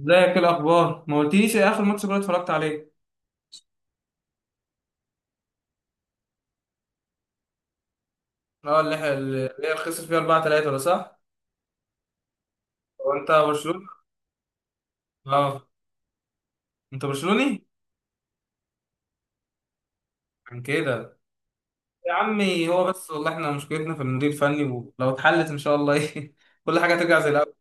ازيك؟ إيه الاخبار؟ ما قلتليش ايه اخر ماتش كنت اتفرجت عليه؟ اه، اللي هي خسر فيها 4-3 ولا صح؟ هو انت برشلوني؟ اه. انت برشلوني؟ عن كده. يا عمي، هو بس والله احنا مشكلتنا في المدير الفني، ولو اتحلت ان شاء الله ايه كل حاجه هترجع زي الاول.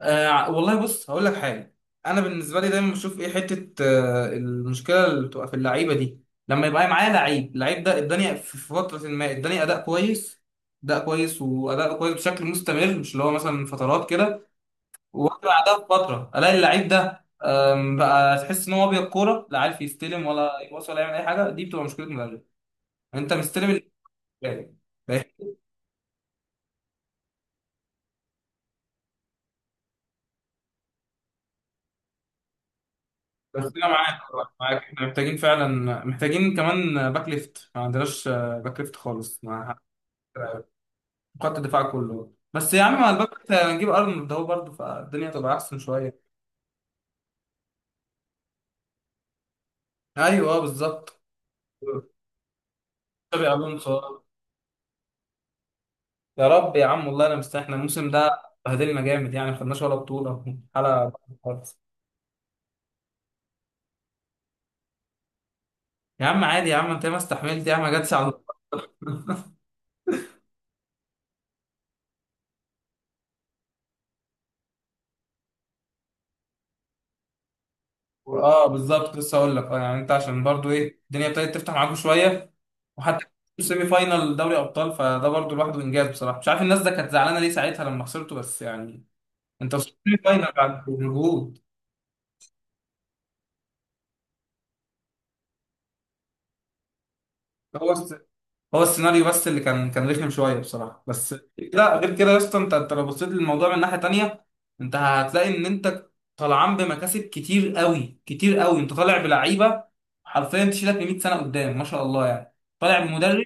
آه، والله بص هقول لك حاجه. انا بالنسبه لي دايما بشوف ايه حته المشكله اللي بتبقى في اللعيبه دي، لما يبقى معايا لعيب اللعيب ده اداني في فتره ما اداني اداء كويس. اداء كويس واداء كويس بشكل مستمر، مش اللي هو مثلا فترات كده. وافضل بعدها بفتره الاقي اللعيب ده بقى تحس ان هو ابيض كوره، لا عارف يستلم ولا يباصي ولا يعمل اي حاجه. دي بتبقى مشكله المدرب. انت مستلم ال- يعني. بس انا معاك احنا محتاجين فعلا. محتاجين كمان باك ليفت، ما عندناش باك ليفت خالص. مع خط الدفاع كله، بس يا عم مع الباك ليفت هنجيب ارنولد ده برضه فالدنيا تبقى احسن شويه. ايوه، بالظبط. تشابي الونسو. يا رب يا عم، والله انا مستني. احنا الموسم ده بهدلنا جامد يعني، ما خدناش ولا بطوله حاله خالص. يا عم عادي، يا عم انت ما استحملت يا عم. جت ساعة الدكتور. اه بالظبط. لسه اقول لك اه يعني انت عشان برضو ايه الدنيا ابتدت تفتح معاكم شويه. وحتى سيمي فاينال دوري ابطال فده برضو لوحده انجاز، بصراحه مش عارف الناس ده كانت زعلانه ليه ساعتها لما خسرته، بس يعني انت وصلت سيمي فاينال بعد مجهود. هو هو السيناريو بس اللي كان رخم شويه بصراحه، بس لا غير كده يا اسطى. انت لو بصيت للموضوع من ناحيه تانيه انت هتلاقي ان انت طالعان بمكاسب كتير قوي كتير قوي. انت طالع بلعيبه حرفيا تشيلك ل 100 سنه قدام، ما شاء الله يعني. طالع بمدرب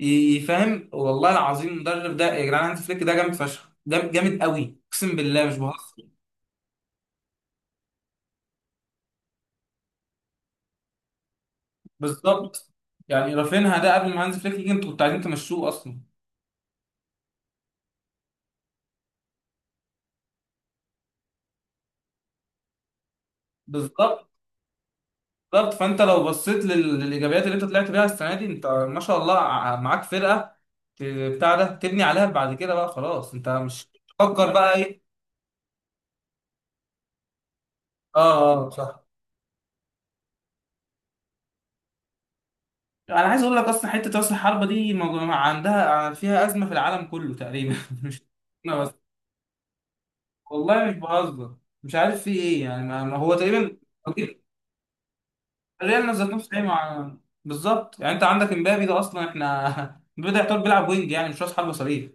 يفهم، والله العظيم المدرب ده يا جدعان هانز فليك ده جامد فشخ. جامد جامد قوي، اقسم بالله مش بهزر. بالظبط. يعني رافينها ده قبل ما هانز فليك يجي انتوا كنتوا عايزين تمشوه اصلا. بالظبط بالظبط. فانت لو بصيت لل- للايجابيات اللي انت طلعت بيها السنه دي انت ما شاء الله، ع- معاك فرقه، ت- بتاع ده تبني عليها بعد كده بقى. خلاص انت مش تفكر بقى ايه. اه اه صح. انا عايز اقول لك اصلا حته راس الحربه دي موجو- عندها فيها ازمه في العالم كله تقريبا مش انا بس. والله مش بهزر، مش عارف في ايه يعني. ما هو تقريبا ريال ذات نفسه ايه مع. بالظبط. يعني انت عندك امبابي ده اصلا احنا بدأ يعتبر بيلعب وينج، يعني مش راس حربه صريح.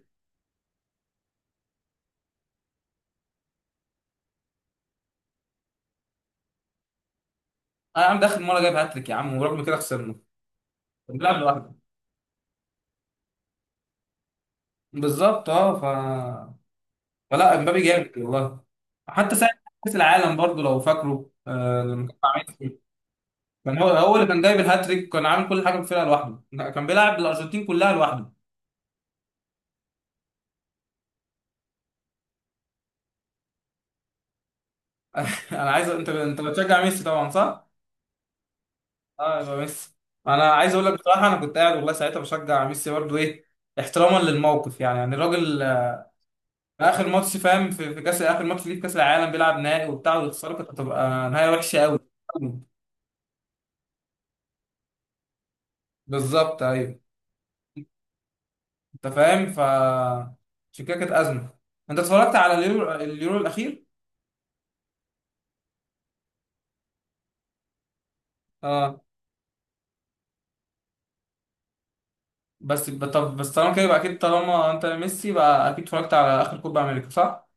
انا عم ده اخر مره جايب هاتريك يا عم ورغم كده خسرنا. بيلعب لوحده. بالظبط اه ف فلا امبابي جامد والله. حتى ساعه كاس العالم برضو لو فاكره لما كان مع ميسي، كان هو هو اللي كان جايب الهاتريك، كان عامل كل حاجه بفرقه لوحده. لا، كان بيلعب الارجنتين كلها لوحده. انا عايز. انت بتشجع ميسي طبعا، صح؟ اه، يبقى ميسي. انا عايز اقول لك بصراحه انا كنت قاعد والله ساعتها بشجع ميسي برضو ايه، احتراما للموقف يعني. يعني الراجل اخر ماتش فاهم في كاس اخر ماتش ليه في كاس العالم، بيلعب نهائي وبتاع ويخسره، كانت هتبقى نهايه وحشه قوي. بالظبط ايوه. انت فاهم ف عشان كده كانت ازمه. انت اتفرجت على اليورو، اليورو الاخير؟ اه بس ب- طب بس طالما كده يبقى اكيد. طالما انت ميسي، بقى اكيد اتفرجت على اخر كوبا امريكا، صح؟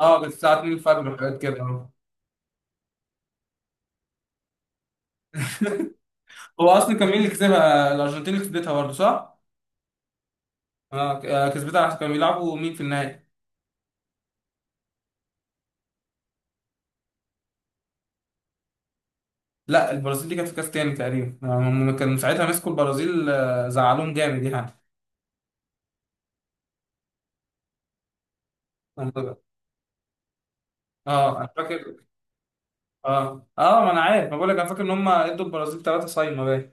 اه كانت الساعه 2 الفجر وحاجات كده اه. هو اصلا كان مين اللي كسبها؟ الارجنتين اللي كسبتها برضه، صح؟ اه ك- كسبتها عشان كانوا بيلعبوا مين في النهائي؟ لا البرازيل دي كانت في كاس تاني تقريبا. هم كانوا ساعتها مسكوا البرازيل، زعلوهم جامد يعني. اه انا فاكر. اه اه ما انا عارف ما بقول لك انا فاكر ان هم ادوا البرازيل ثلاثه صايمه باين.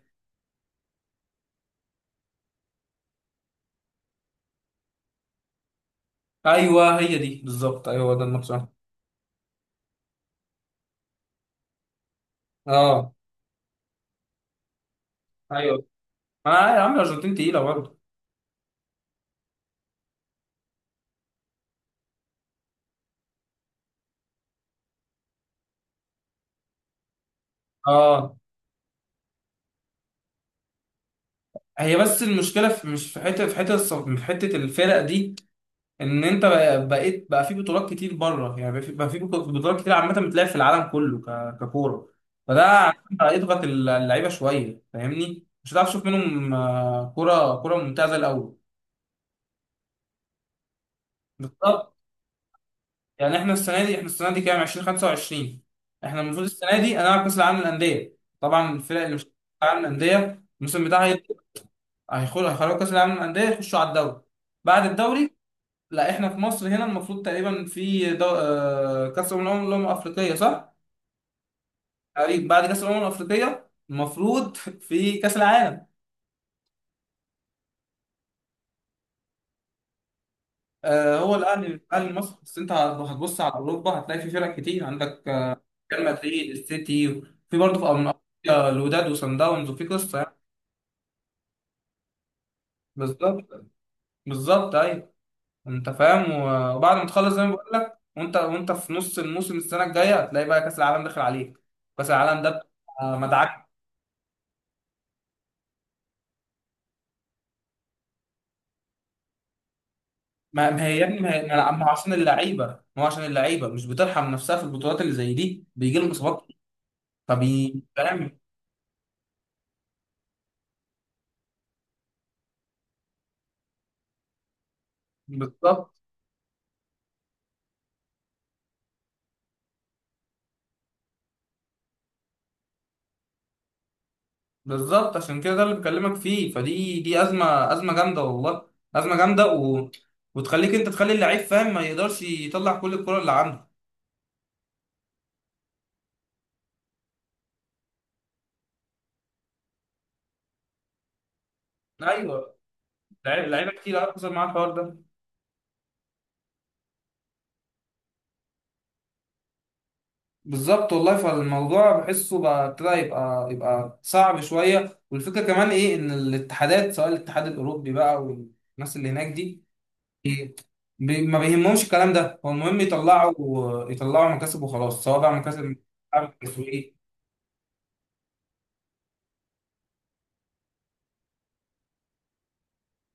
ايوه هي دي بالظبط، ايوه هو ده الماتش اه. آه ايوه. ما يا عم الارجنتين تقيله برضه. اه، هي بس المشكله في مش في حته في حته الص- في حته الفرق دي. ان انت بقى- بقيت بقى في بطولات كتير بره يعني. بقى في بقى في بطو- بطولات كتير عامه بتلعب في العالم كله ك- ككوره، فده هيضغط ال- اللعيبه شويه فاهمني، مش هتعرف تشوف منهم كوره كوره ممتازه الاول. بالظبط. يعني احنا السنه دي كام، 2025؟ احنا المفروض السنه دي انا كاس العالم للانديه طبعا. الفرق اللي مش في كاس العالم للانديه، الموسم بتاعها هيبدأ- هيخرجوا كاس العالم للانديه يخشوا على الدوري، بعد الدوري. لا احنا في مصر هنا، المفروض تقريبا في دو... كاس الامم، الأمم- الامم الافريقيه، صح؟ تقريبا بعد كاس الامم الافريقيه المفروض في كاس العالم. هو الاهلي المصري. بس انت هتبص على اوروبا هتلاقي في فرق كتير، عندك ريال مدريد، السيتي. في برضه في أم- الوداد وصن داونز، وفي قصه. بالظبط. بالظبط ايوه. انت فاهم و- وبعد ما تخلص زي ما بقول لك وانت في نص الموسم السنه الجايه هتلاقي بقى كاس العالم داخل عليك. كاس العالم ده بتبقى مدعك. ما ما هي يا ابني ما هي ما ما هو عشان اللعيبه. ما هو عشان اللعيبه مش بترحم نفسها في البطولات اللي زي دي، بيجي لهم اصابات فبي فاهم. بالظبط. بالظبط عشان كده، ده اللي بكلمك فيه، فدي دي ازمه، ازمه جامده والله. ازمه جامده و... وتخليك انت تخلي اللعيب فاهم، ما يقدرش يطلع كل الكره اللي عنده. ايوه، لعيبه لعيبة كتير قوي حصل معاها الحوار ده. بالظبط والله، فالموضوع بحسه بقى ابتدى يبقى يبقى صعب شويه. والفكره كمان ايه، ان الاتحادات سواء الاتحاد الاوروبي بقى والناس اللي هناك دي إيه، بي- ما بيهمهمش الكلام ده، هو المهم يطلعوا مكاسب وخلاص، سواء بقى مكاسب. أعمل تسويق.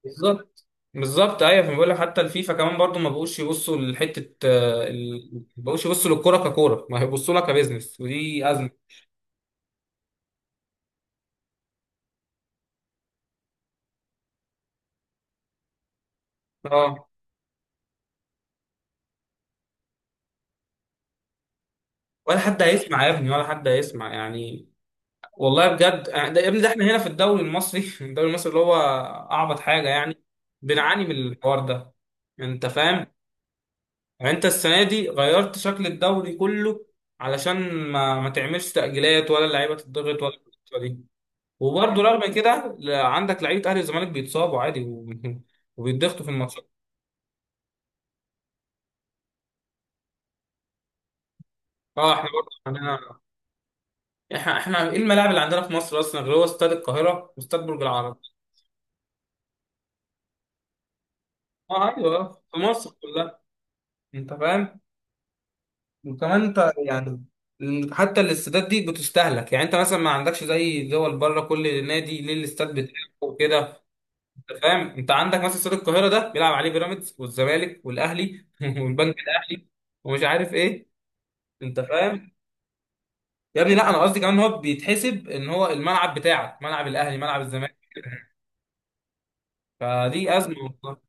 بالظبط. بالظبط ايوه. فبقول لك حتى الفيفا كمان برضو ما بقوش يبصوا لحته ال- ما بقوش يبصوا للكوره ككوره، ما هيبصوا لها كبزنس، ودي ازمه. اه، ولا حد هيسمع يا ابني، ولا حد هيسمع يعني. والله بجد ده يا ابني ده احنا هنا في الدوري المصري الدوري المصري اللي هو اعبط حاجه يعني. بنعاني من الحوار ده، انت فاهم؟ يعني انت السنه دي غيرت شكل الدوري كله، علشان ما تعملش تاجيلات ولا اللعيبه تتضغط ولا القصة دي. وبرضه رغم كده، ل- عندك لعيبه اهلي والزمالك بيتصابوا عادي و- وبيتضغطوا في الماتشات. اه احنا برضه عندنا. احنا ايه الملاعب اللي عندنا في مصر اصلا؟ غير هو استاد القاهره واستاد برج العرب. اه ايوه، في مصر كلها. انت فاهم. وكمان انت يعني حتى الاستادات دي بتستهلك، يعني انت مثلا ما عندكش زي دول بره كل نادي ليه الاستاد بتاعه وكده. انت فاهم، انت عندك مثلا استاد القاهره ده بيلعب عليه بيراميدز والزمالك والاهلي والبنك الاهلي ومش عارف ايه. انت فاهم يا ابني؟ لا، انا قصدي كمان ان هو بيتحسب ان هو الملعب بتاعك، ملعب الاهلي، ملعب الزمالك. فدي ازمه والله.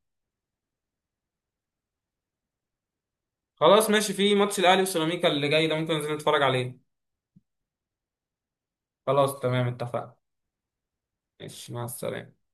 خلاص ماشي. في ماتش الاهلي وسيراميكا اللي جاي ده، ممكن ننزل نتفرج عليه. خلاص تمام، اتفقنا. ماشي، مع السلامه.